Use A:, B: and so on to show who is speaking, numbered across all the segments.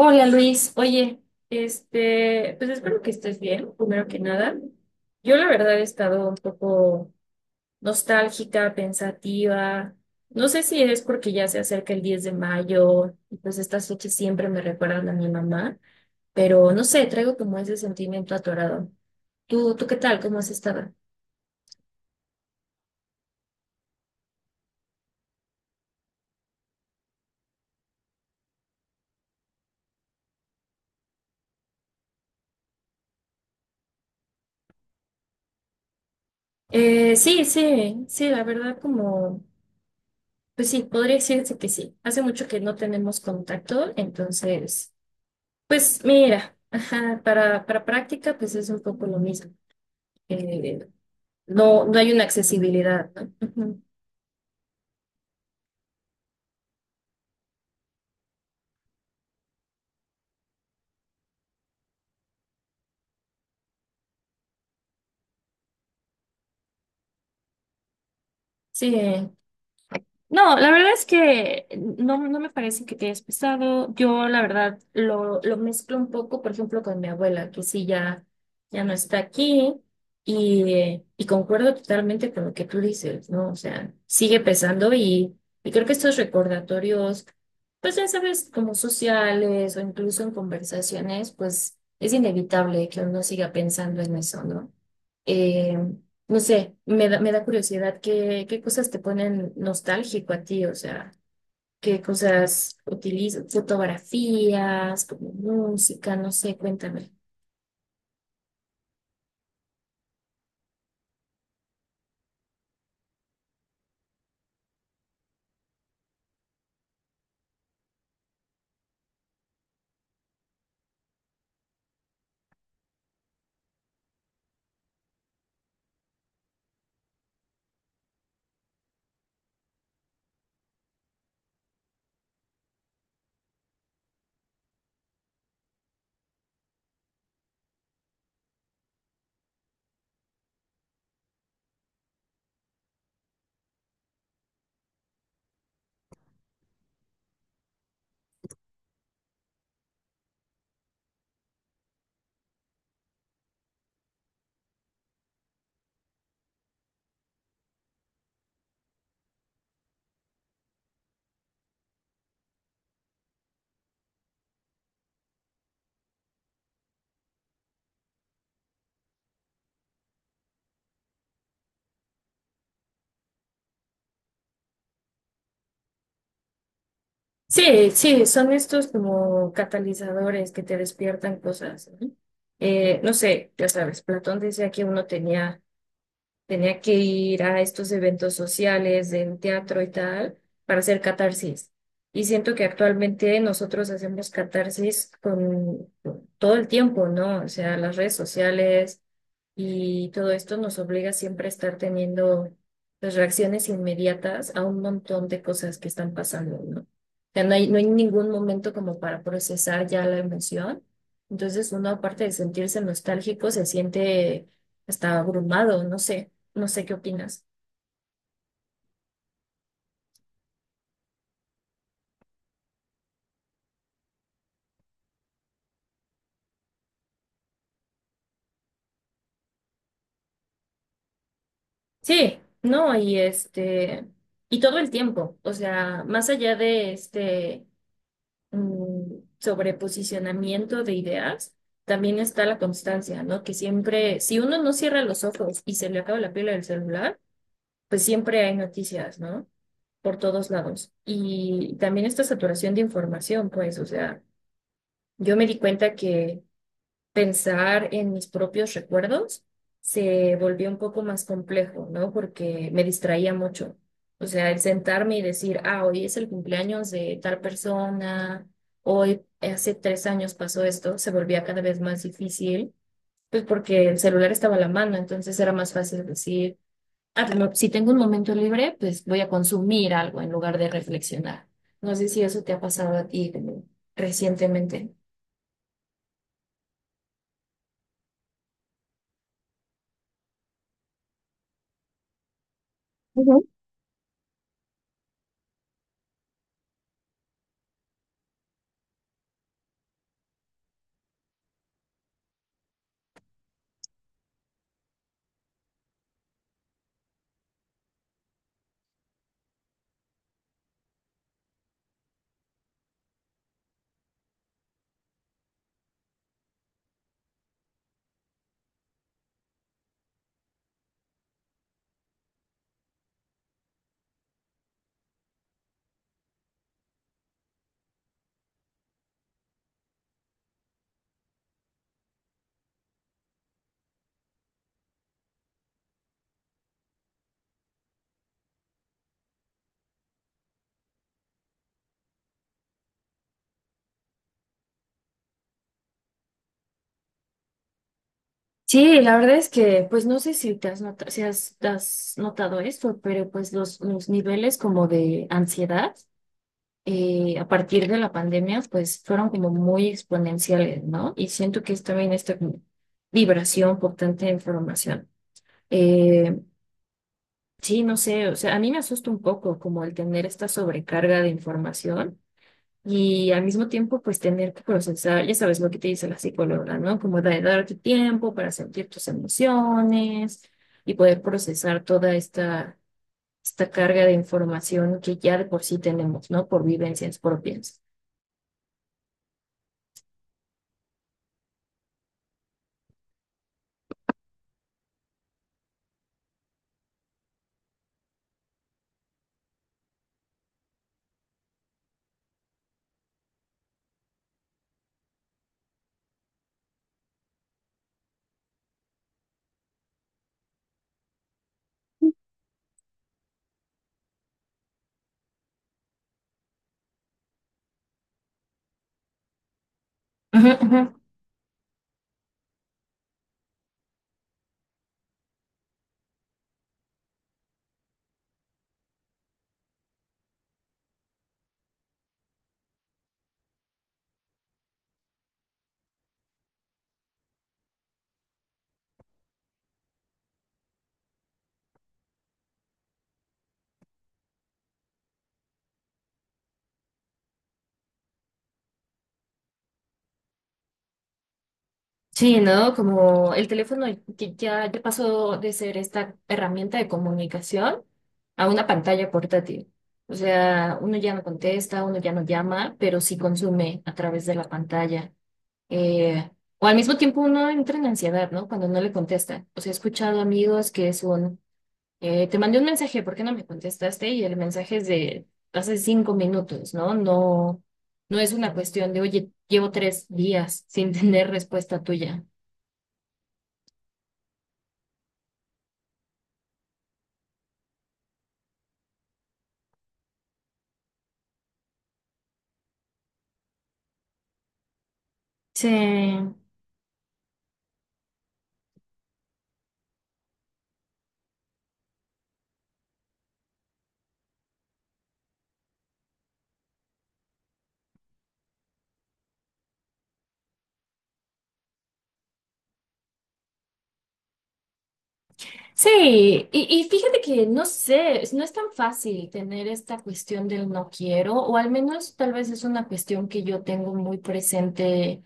A: Hola Luis, oye, pues espero que estés bien, primero que nada. Yo la verdad he estado un poco nostálgica, pensativa. No sé si es porque ya se acerca el 10 de mayo y pues estas fechas siempre me recuerdan, pero atorado. Tú, Tada. Sí, sí, sí, la verdad como, pues sí, podría decirse que sí. Hace mucho que no tenemos contacto, entonces pues mira, ajá, para práctica pues es un poco lo mismo. Eh, no, no hay una accesibilidad, ¿no? Ujú. Sí, no, la verdad es que no me parece que te hayas pesado. Yo, la verdad, lo mezclo un poco, por ejemplo, con mi abuela, que sí ya, ya no está aquí, y concuerdo totalmente con lo que tú dices, ¿no? O sea, sigue pesando y creo que estos recordatorios, pues ya sabes, como sociales o incluso en conversaciones, pues es inevitable que uno siga pensando en eso, ¿no? Eh, no sé, me da curiosidad qué, qué cosas te ponen nostálgico a ti, o sea, qué cosas utilizas, fotografías, como música, no sé, cuéntame. Sí, sí, son estos como catalizadores que te despiertan cosas, ¿no? No sé, ya sabes, Platón decía que uno tenía tenía que ir a estos eventos sociales, en teatro y tal, para hacer catarsis. Y siento que actualmente nosotros hacemos catarsis con todo el tiempo, ¿no? O sea, las redes sociales y todo esto nos obliga siempre a estar teniendo pues, reacciones inmediatas a un montón de cosas que están pasando, ¿no? O sea, no hay ningún momento como para procesar ya la emoción. Entonces uno, aparte de sentirse nostálgico, se siente hasta abrumado, no sé, no sé qué opinas. Sí, no, y y todo el tiempo, o sea, más allá de este sobre posicionamiento de ideas, también está la constancia, ¿no? Que siempre, si uno no cierra los ojos y se le acaba la pila del celular, pues siempre hay noticias, ¿no? Por todos lados. Y también esta saturación de información, pues, o sea, yo me di cuenta que pensar en mis propios recuerdos se volvió un poco más complejo, ¿no? Porque me distraía mucho. O sea, el sentarme y decir, ah, hoy es el cumpleaños de tal persona, hoy hace 3 años pasó esto, se volvía cada vez más difícil, pues porque el celular estaba a la mano, entonces era más fácil decir, ah, no, si tengo un momento libre, pues voy a consumir algo en lugar de reflexionar. No sé si eso te ha pasado a ti como recientemente. Sí, la verdad es que, pues no sé si te has notado, si has notado esto, pero pues los niveles como de ansiedad a partir de la pandemia, pues fueron como muy exponenciales, ¿no? Y siento que es también esta como vibración por tanta información. Eh, sí, no sé, o sea, a mí me asusta un poco como el tener esta sobrecarga de información y al mismo tiempo, pues tener que procesar, ya sabes lo que te dice la psicóloga, ¿no? Como de darte tiempo para sentir tus emociones y poder procesar toda esta carga de información que ya de por sí tenemos, ¿no? Por vivencias propias. Ujú, ujú. Sí, ¿no? Como el teléfono que ya, ya pasó de ser esta herramienta de comunicación a una pantalla portátil. O sea, uno ya no contesta, uno ya no llama, pero sí consume a través de la pantalla. Eh, o al mismo tiempo uno entra en ansiedad, ¿no? Cuando no le contesta. O sea, he escuchado amigos que es un, te mandé un mensaje, ¿por qué no me contestaste? Y el mensaje es de hace 5 minutos, ¿no? No, no es una cuestión de, oye, llevo 3 días sin tener respuesta tuya. Sí. Sí, y fíjate que no sé, no es tan fácil tener esta cuestión del no quiero, o al menos tal vez es una cuestión que yo tengo muy presente,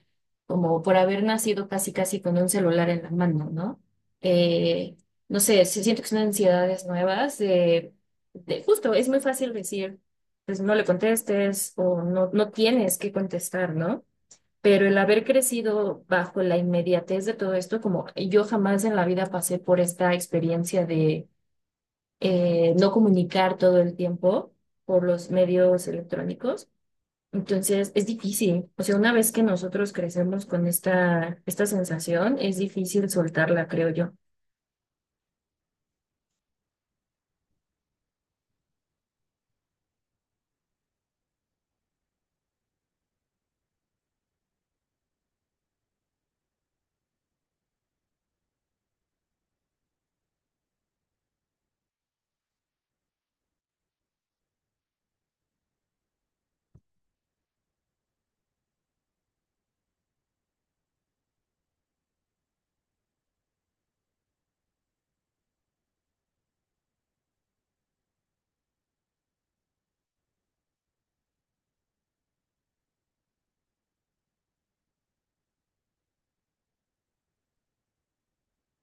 A: como por haber nacido casi casi con un celular en la mano, ¿no? Eh, no sé, sí siento que son ansiedades nuevas, de, justo, es muy fácil decir, pues no le contestes o no, no tienes que contestar, ¿no? Pero el haber crecido bajo la inmediatez de todo esto, como yo jamás en la vida pasé por esta experiencia de no comunicar todo el tiempo por los medios electrónicos, entonces es difícil. O sea, una vez que nosotros crecemos con esta sensación, es difícil soltarla, creo yo.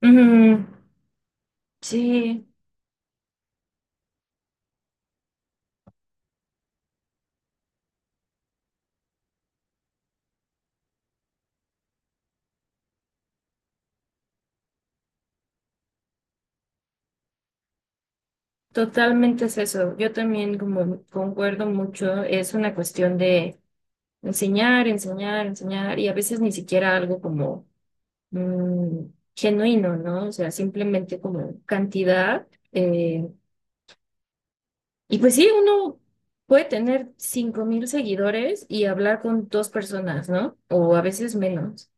A: Mm, sí, totalmente es eso. Yo también como concuerdo mucho, es una cuestión de enseñar y a veces ni siquiera algo como mm, genuino, ¿no? O sea, simplemente como cantidad. eh, y pues sí, uno puede tener 5000 seguidores y hablar con dos personas, ¿no? O a veces menos.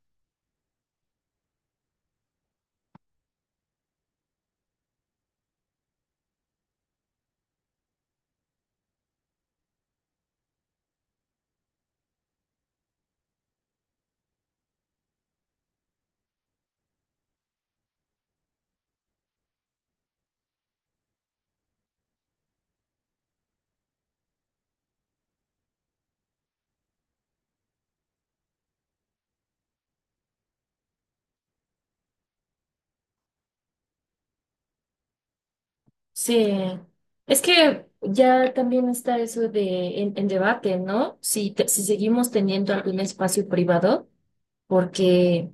A: Sí. Es que ya también está eso de en debate, ¿no? Si, si seguimos teniendo algún espacio privado, porque eh,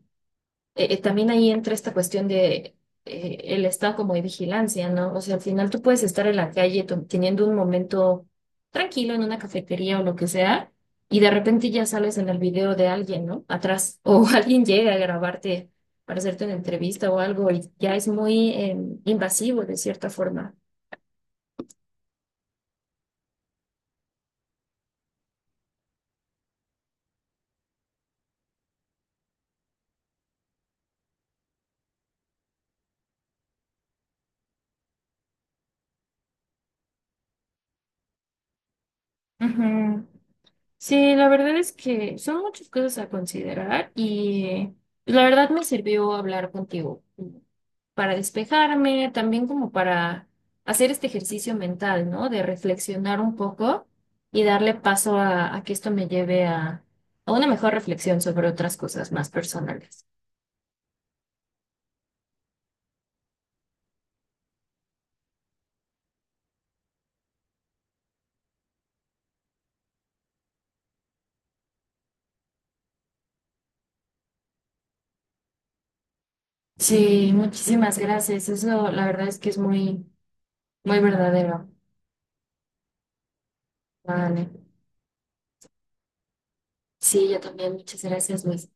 A: eh, también ahí entra esta cuestión de el estado como de vigilancia, ¿no? O sea, al final tú puedes estar en la calle teniendo un momento tranquilo en una cafetería o lo que sea, y de repente ya sales en el video de alguien, ¿no? Atrás, o alguien llega a grabarte para hacerte una entrevista o algo, y ya es muy invasivo de cierta forma. Ujú. Sí, la verdad es que son muchas cosas a considerar y la verdad me sirvió hablar contigo para despejarme, también como para hacer este ejercicio mental, ¿no? De reflexionar un poco y darle paso a que esto me lleve a una mejor reflexión sobre otras cosas más personales. Sí, muchísimas gracias. Eso la verdad es que es muy, muy verdadero. Vale. Sí, yo también. Muchas gracias, Luis.